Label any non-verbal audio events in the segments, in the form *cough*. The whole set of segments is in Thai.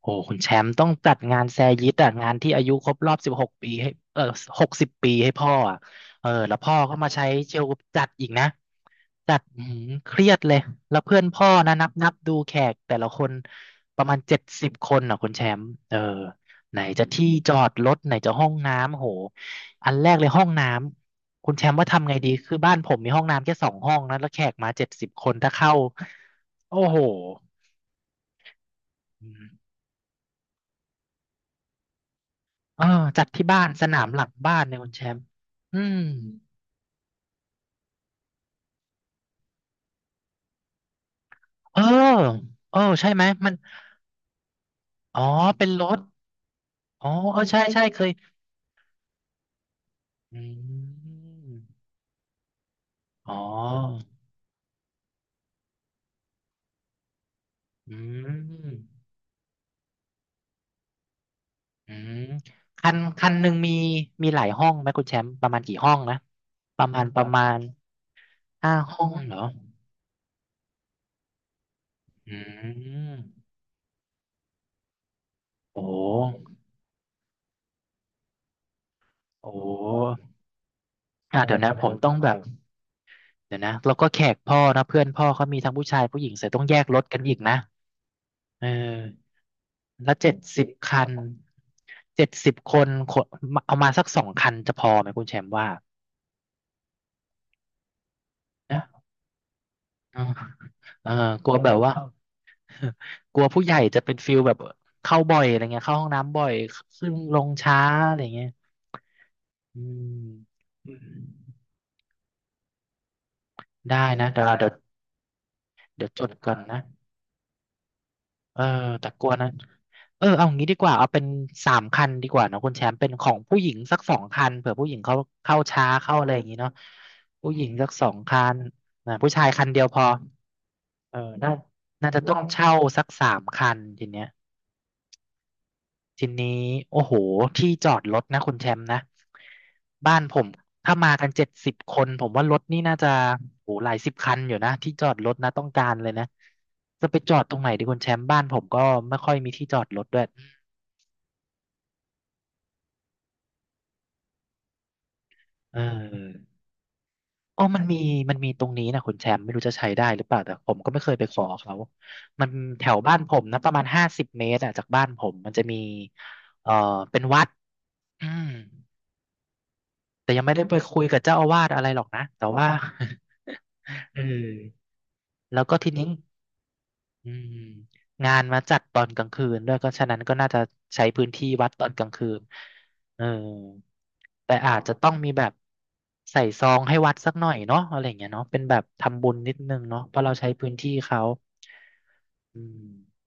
โอ้คุณแชมป์ต้องจัดงานแซยิตอ่ะงานที่อายุครบรอบ16 ปีให้เออ60 ปีให้พ่ออ่ะเออแล้วพ่อก็มาใช้เชลจัดอีกนะจัดอื้อหือเครียดเลยแล้วเพื่อนพ่อนะนับนับดูแขกแต่ละคนประมาณเจ็ดสิบคนอ่ะคุณแชมป์เออไหนจะที่จอดรถไหนจะห้องน้ำโหอันแรกเลยห้องน้ำคุณแชมป์ว่าทำไงดีคือบ้านผมมีห้องน้ำแค่2 ห้องนะแล้วแขกมาเจ็ดสิบคนถ้าเข้าโอ้โห เออจัดที่บ้านสนามหลังบ้านเนี่ยคุณแชมป์อืมเออเออใช่ไหมมันอ๋อเป็นรถอ๋อเออใช่ใช่เคยอืมอ๋ออืมอืมคันคันหนึ่งมีมีหลายห้องไหมคุณแชมป์ประมาณกี่ห้องนะประมาณประมาณ5 ห้องเหรออืมโอ้โอ้อ่ะเดี๋ยวนะผมต้องแบบเดี๋ยวนะแล้วก็แขกพ่อนะเพื่อนพ่อเขามีทั้งผู้ชายผู้หญิงเสร็จต้องแยกรถกันอีกนะเออ แล้ว70 คันเจ็ดสิบคนขนเอามาสักสองคันจะพอไหมคุณแชมป์ว่านะเออเออกลัวแบบว่า *laughs* กลัวผู้ใหญ่จะเป็นฟิลแบบเข้าบ่อยอะไรเงี้ยเข้าห้องน้ำบ่อยขึ้นลงช้าอะไรเงี้ยอืมได้นะเดี๋ยวเราเดี๋ยวเดี๋ยวจดก่อนนะ เออแต่กลัวนะเออเอางี้ดีกว่าเอาเป็นสามคันดีกว่าเนอะคุณแชมป์เป็นของผู้หญิงสักสองคันเผื่อผู้หญิงเขาเข้าช้าเข้าอะไรอย่างงี้เนาะผู้หญิงสักสองคันนะผู้ชายคันเดียวพอเออน่าน่าจะต้องเช่าสักสามคันทีเนี้ยทีนี้โอ้โหที่จอดรถนะคุณแชมป์นะบ้านผมถ้ามากันเจ็ดสิบคนผมว่ารถนี่น่าจะโอ้โหหลายสิบคันอยู่นะที่จอดรถนะต้องการเลยนะจะไปจอดตรงไหนดีคุณแชมป์บ้านผมก็ไม่ค่อยมีที่จอดรถด้วย เอออ๋อมันมีมันมีตรงนี้นะคุณแชมป์ไม่รู้จะใช้ได้หรือเปล่าแต่ผมก็ไม่เคยไปขอเขา มันแถวบ้านผมนะประมาณ50 เมตรอะจากบ้านผมมันจะมีเอ่อเป็นวัดอืมแต่ยังไม่ได้ไปคุยกับเจ้าอาวาสอะไรหรอกนะแต่ว่า *laughs* เออแล้วก็ทีนี้ อืมงานมาจัดตอนกลางคืนด้วยก็ฉะนั้นก็น่าจะใช้พื้นที่วัดตอนกลางคืนเออแต่อาจจะต้องมีแบบใส่ซองให้วัดสักหน่อยเนาะอะไรอย่างเงี้ยเนาะเป็นแบบทำบุญนิดนึงเนาะเพราะเราใช้พื้นที่เขาอืม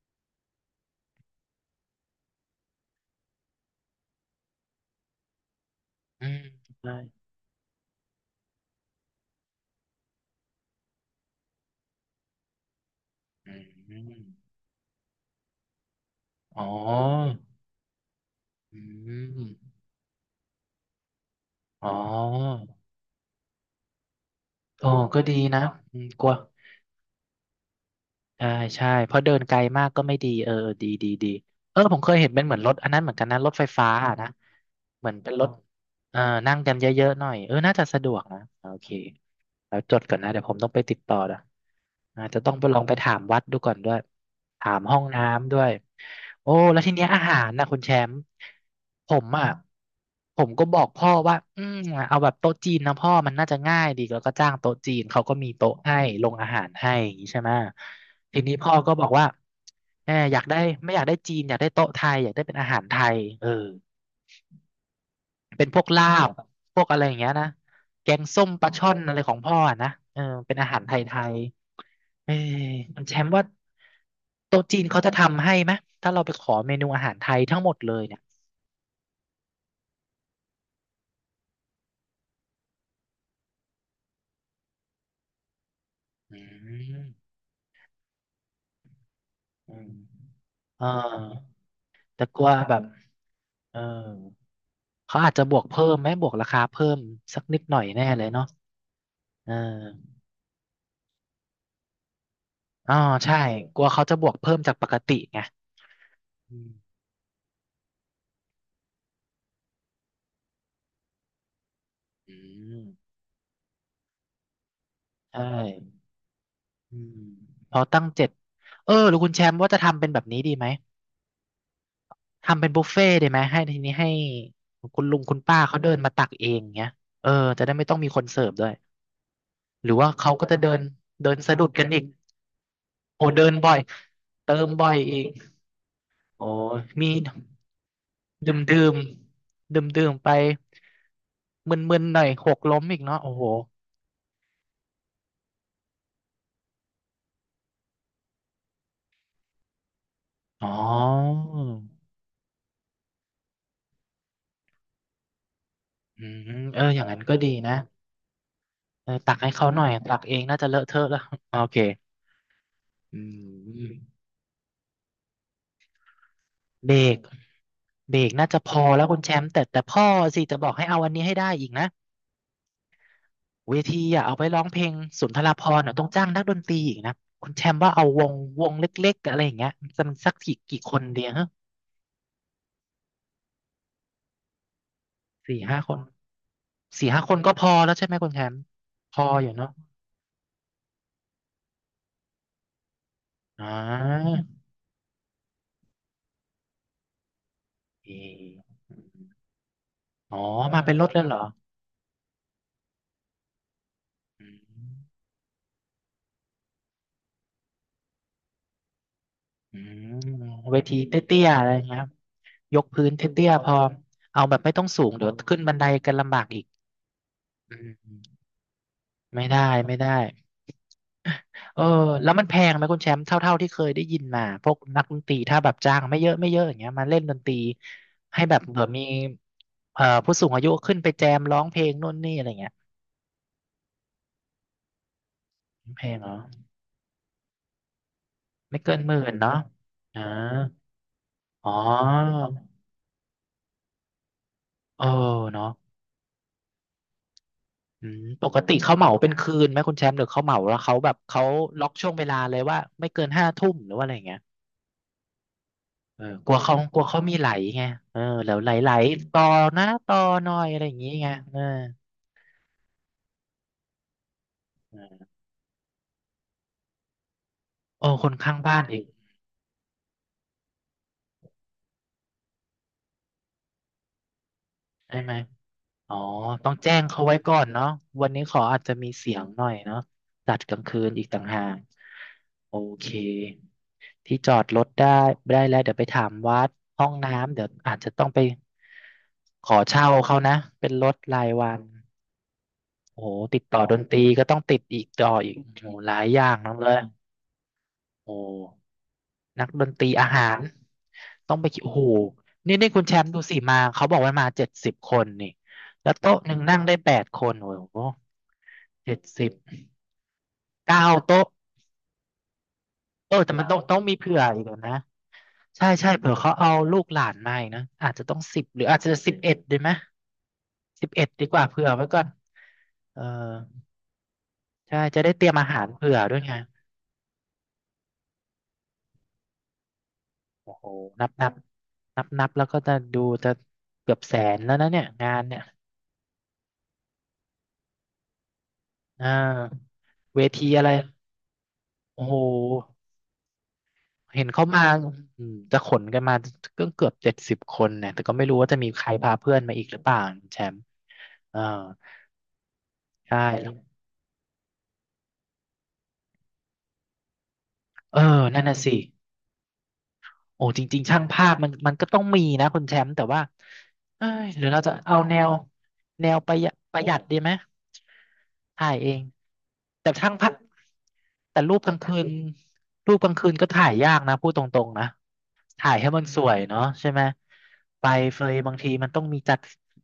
อืมใช่อืมอ๋ออืมอ๋อโอ้ก็ดีนะอืมกลัว ใช่ใช่เพราะเดินไกลมากก็ไม่ดีเออดีดีดีเออผมเคยเห็นเป็นเหมือนรถอันนั้นเหมือนกันนะรถไฟฟ้าอะนะเหมือนเป็นรถเออนั่งกันเยอะๆหน่อยเออน่าจะสะดวกนะโอเค แล้วจดก่อนนะเดี๋ยวผมต้องไปติดต่อนะอาจจะต้องไปลองไปถามวัดดูก่อนด้วยถามห้องน้ำด้วยโอ้แล้วทีเนี้ยอาหารนะคุณแชมป์ผมอ่ะผมก็บอกพ่อว่าอืมเอาแบบโต๊ะจีนนะพ่อมันน่าจะง่ายดีแล้วก็จ้างโต๊ะจีนเขาก็มีโต๊ะให้ลงอาหารให้อย่างนี้ใช่ไหมทีนี้พ่อก็บอกว่าแหมอยากได้ไม่อยากได้จีนอยากได้โต๊ะไทยอยากได้เป็นอาหารไทยเออ เป็นพวกลาบพวกอะไรอย่างเงี้ยนะ แกงส้มปลาช่อนอะไรของพ่ออะนะเออเป็นอาหารไทยๆเออมันแชมป์ว่าโต๊ะจีนเขาจะทำให้ไหม ถ้าเราไปขอเมนูอาหารไทยทั้งหมดเลยเนี่ยอืมอืมเออแต่กลัวแบบเออเขาอาจจะบวกเพิ่มไหมบวกราคาเพิ่มสักนิดหน่อยแน่เลยเนาะเอออ๋อใช่กลัวเขาจะบวกเพิ่มจากปกติไงอืมอืมใช่ อืมเราตั้งเจ็ดเออหรือคุณแชมป์ว่าจะทำเป็นแบบนี้ดีไหมทำเป็นบุฟเฟ่ต์ดีไหมให้ทีนี้ให้คุณลุงคุณป้าเขาเดินมาตักเองเงี้ยเออจะได้ไม่ต้องมีคนเสิร์ฟด้วย หรือว่าเขาก็จะเดินเดินสะดุดกันอีก โอ้เดินบ่อยเติมบ่อยอีก โอ้ มีดื่มดื่มดื่มดื่มๆไปมึนมึนหน่อยหกล้มอีกเนาะโอ้โหอ๋ออืมเอออย่างนั้นก็ดีนะเออตักให้เขาหน่อยตักเองน่าจะเลอะเทอะแล้วโอเค อืมเบรกเบรกน่าจะพอแล้วคุณแชมป์แต่พ่อสิจะบอกให้เอาอันนี้ให้ได้อีกนะเวทีอ่ะเอาไปร้องเพลงสุนทรภรณ์อ่ะต้องจ้างนักดนตรีอีกนะคุณแชมป์ว่าเอาวงเล็กๆอะไรอย่างเงี้ยจะมันสักกี่คนเดียวฮะสี่ห้าคนสี่ห้าคนก็พอแล้วใช่ไหมคุณแชมป์พออยู่เนาะอ่าเอออ๋อมาเป็นรถแล้วเหรออืมอืมเวทีเตี้ยๆอะไรอย่างเงี้ยยกพื้นเตี้ยๆพอเอาแบบไม่ต้องสูงเดี๋ยวขึ้นบันไดกันลำบากอีก อืมไม่ได้ไม่ได้เออแล้วมันแพงไหมคุณแชมป์เท่าที่เคยได้ยินมาพวกนักดนตรีถ้าแบบจ้างไม่เยอะอย่างเงี้ยมาเล่นดนตรีให้แบบเผื่อมีผู้สูงอายุขึ้นไปแจมร้องเพลงนู่นนี่อะไรเงี้ยแพงเหรอไม่เกินหมื่นเนาะอ่าอ๋อเออเนาะอืมปกติเขาเหมาเป็นคืนไหมคุณแชมป์หรือเขาเหมาแล้วเขาล็อกช่วงเวลาเลยว่าไม่เกินห้าทุ่มหรือว่าอะไรอย่างเงี้ย เออกลัวเขามีไหลไงเออแล้วไหลต่อนะต่อหน่อยอะไรอย่างงี้ไงเออเออโอ้คนข้างบ้านอีกใช่ไหมอ๋อต้องแจ้งเขาไว้ก่อนเนาะวันนี้ขออาจจะมีเสียงหน่อยเนาะจัดกลางคืนอีกต่างหากโอเคที่จอดรถได้ได้แล้วเดี๋ยวไปถามวัดห้องน้ำ เดี๋ยวอาจจะต้องไปขอเช่าเขานะเป็นรถรายวันโอ้โหติดต่อดนตรีก็ต้องติดอีกต่ออีกโอ้โหหลายอย่างนนเลย โอ้ นักดนตรีอาหารต้องไปกินโอ้โหนี่นี่คุณแชมป์ดูสิมาเขาบอกว่ามาเจ็ดสิบคนนี่แล้วโต๊ะหนึ่งนั่งได้แปดคนโอ้โหเจ็ดสิบเก้าโต๊ะเออแต่มันต้องมีเผื่ออีกอะนะใช่เผื่อเขาเอาลูกหลานมาอีกนะอาจจะต้องสิบหรืออาจจะสิบเอ็ดดีไหมสิบเอ็ดดีกว่าเผื่อไว้ก่อนเออใช่จะได้เตรียมอาหารเผื่อด้วยไง โอ้โหนับนับนับแล้วก็จะดูจะเกือบแสนแล้วนะเนี่ยงานเนี่ยอ่าเวทีอะไรโอ้โหเห็นเขามาอืมจะขนกันมาก็เกือบเจ็ดสิบคนเนี่ยแต่ก็ไม่รู้ว่าจะมีใครพาเพื่อนมาอีกหรือเปล่าแชมป์เอ่ใช่เออนั่นน่ะสิ โอ้จริงๆช่างภาพมันก็ต้องมีนะคุณแชมป์แต่ว่าเอ้ยหรือเราจะเอาแนวแนวประหยัดดีไหมถ่ายเองแต่ช่างภาพแต่รูปกลางคืนก็ถ่ายยากนะพูดตรงๆนะถ่ายให้มันสวยเนาะใช่ไหมไปเฟยบางทีมันต้องมีจัด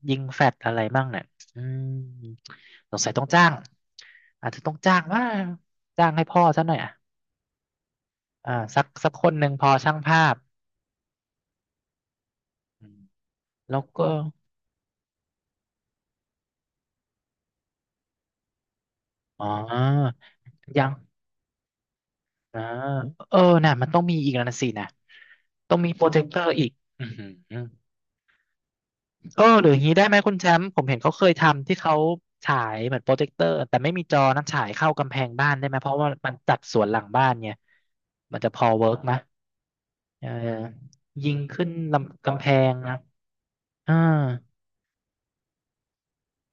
ยิงแฟลชอะไรบ้างเนี่ยอืมสงสัยต้องจ้างอาจจะต้องจ้างว่าจ้างให้พ่อซะหน่อยอ่ะอ่าสักคนหนึ่งพอช่างภาพ แล้วก็อ๋อยังอ่าเออน่ะมันต้องมีอีกแล้วนะสินะต้องมีโปรเจคเตอร์อีกอือหือเออหรืออย่างนี้ได้ไหมคุณแชมป์ผมเห็นเขาเคยทำที่เขาฉายเหมือนโปรเจคเตอร์แต่ไม่มีจอนะฉายเข้ากำแพงบ้านได้ไหมเพราะว่ามันจัดสวนหลังบ้านไงมันจะพอเวิร์กไหมเออยิงขึ้นลำกำแพงนะอ่า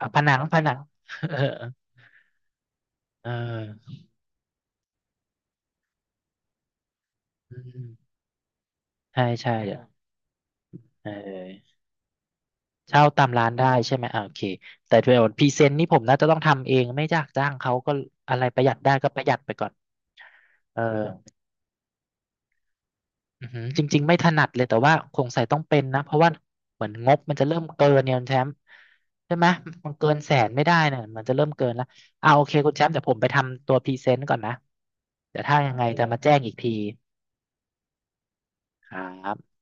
อ่ะผนัง *laughs* เออเอออืมใช่อ่ะเออ เช่าตามร้านได้ใช่ไหมอ่าโอเคแต่เดี๋ยวพรีเซนต์นี่ผมน่าจะต้องทำเองไม่จ้างเขาก็อะไรประหยัดได้ก็ประหยัดไปก่อนเอออือหือจริงๆไม่ถนัดเลยแต่ว่าคงใส่ต้องเป็นนะเพราะว่าเหมือนงบมันจะเริ่มเกินเนี่ยคุณแชมป์ใช่ไหมมันเกินแสนไม่ได้เนี่ยมันจะเริ่มเกินแล้วอ่าโอเคคุณแชมป์เดี๋ยวผมไปทำตัวพรีเซนต์ก่อนนะเดี๋ยวถ้ายังไงจะมาแจ้งอีกทีครับ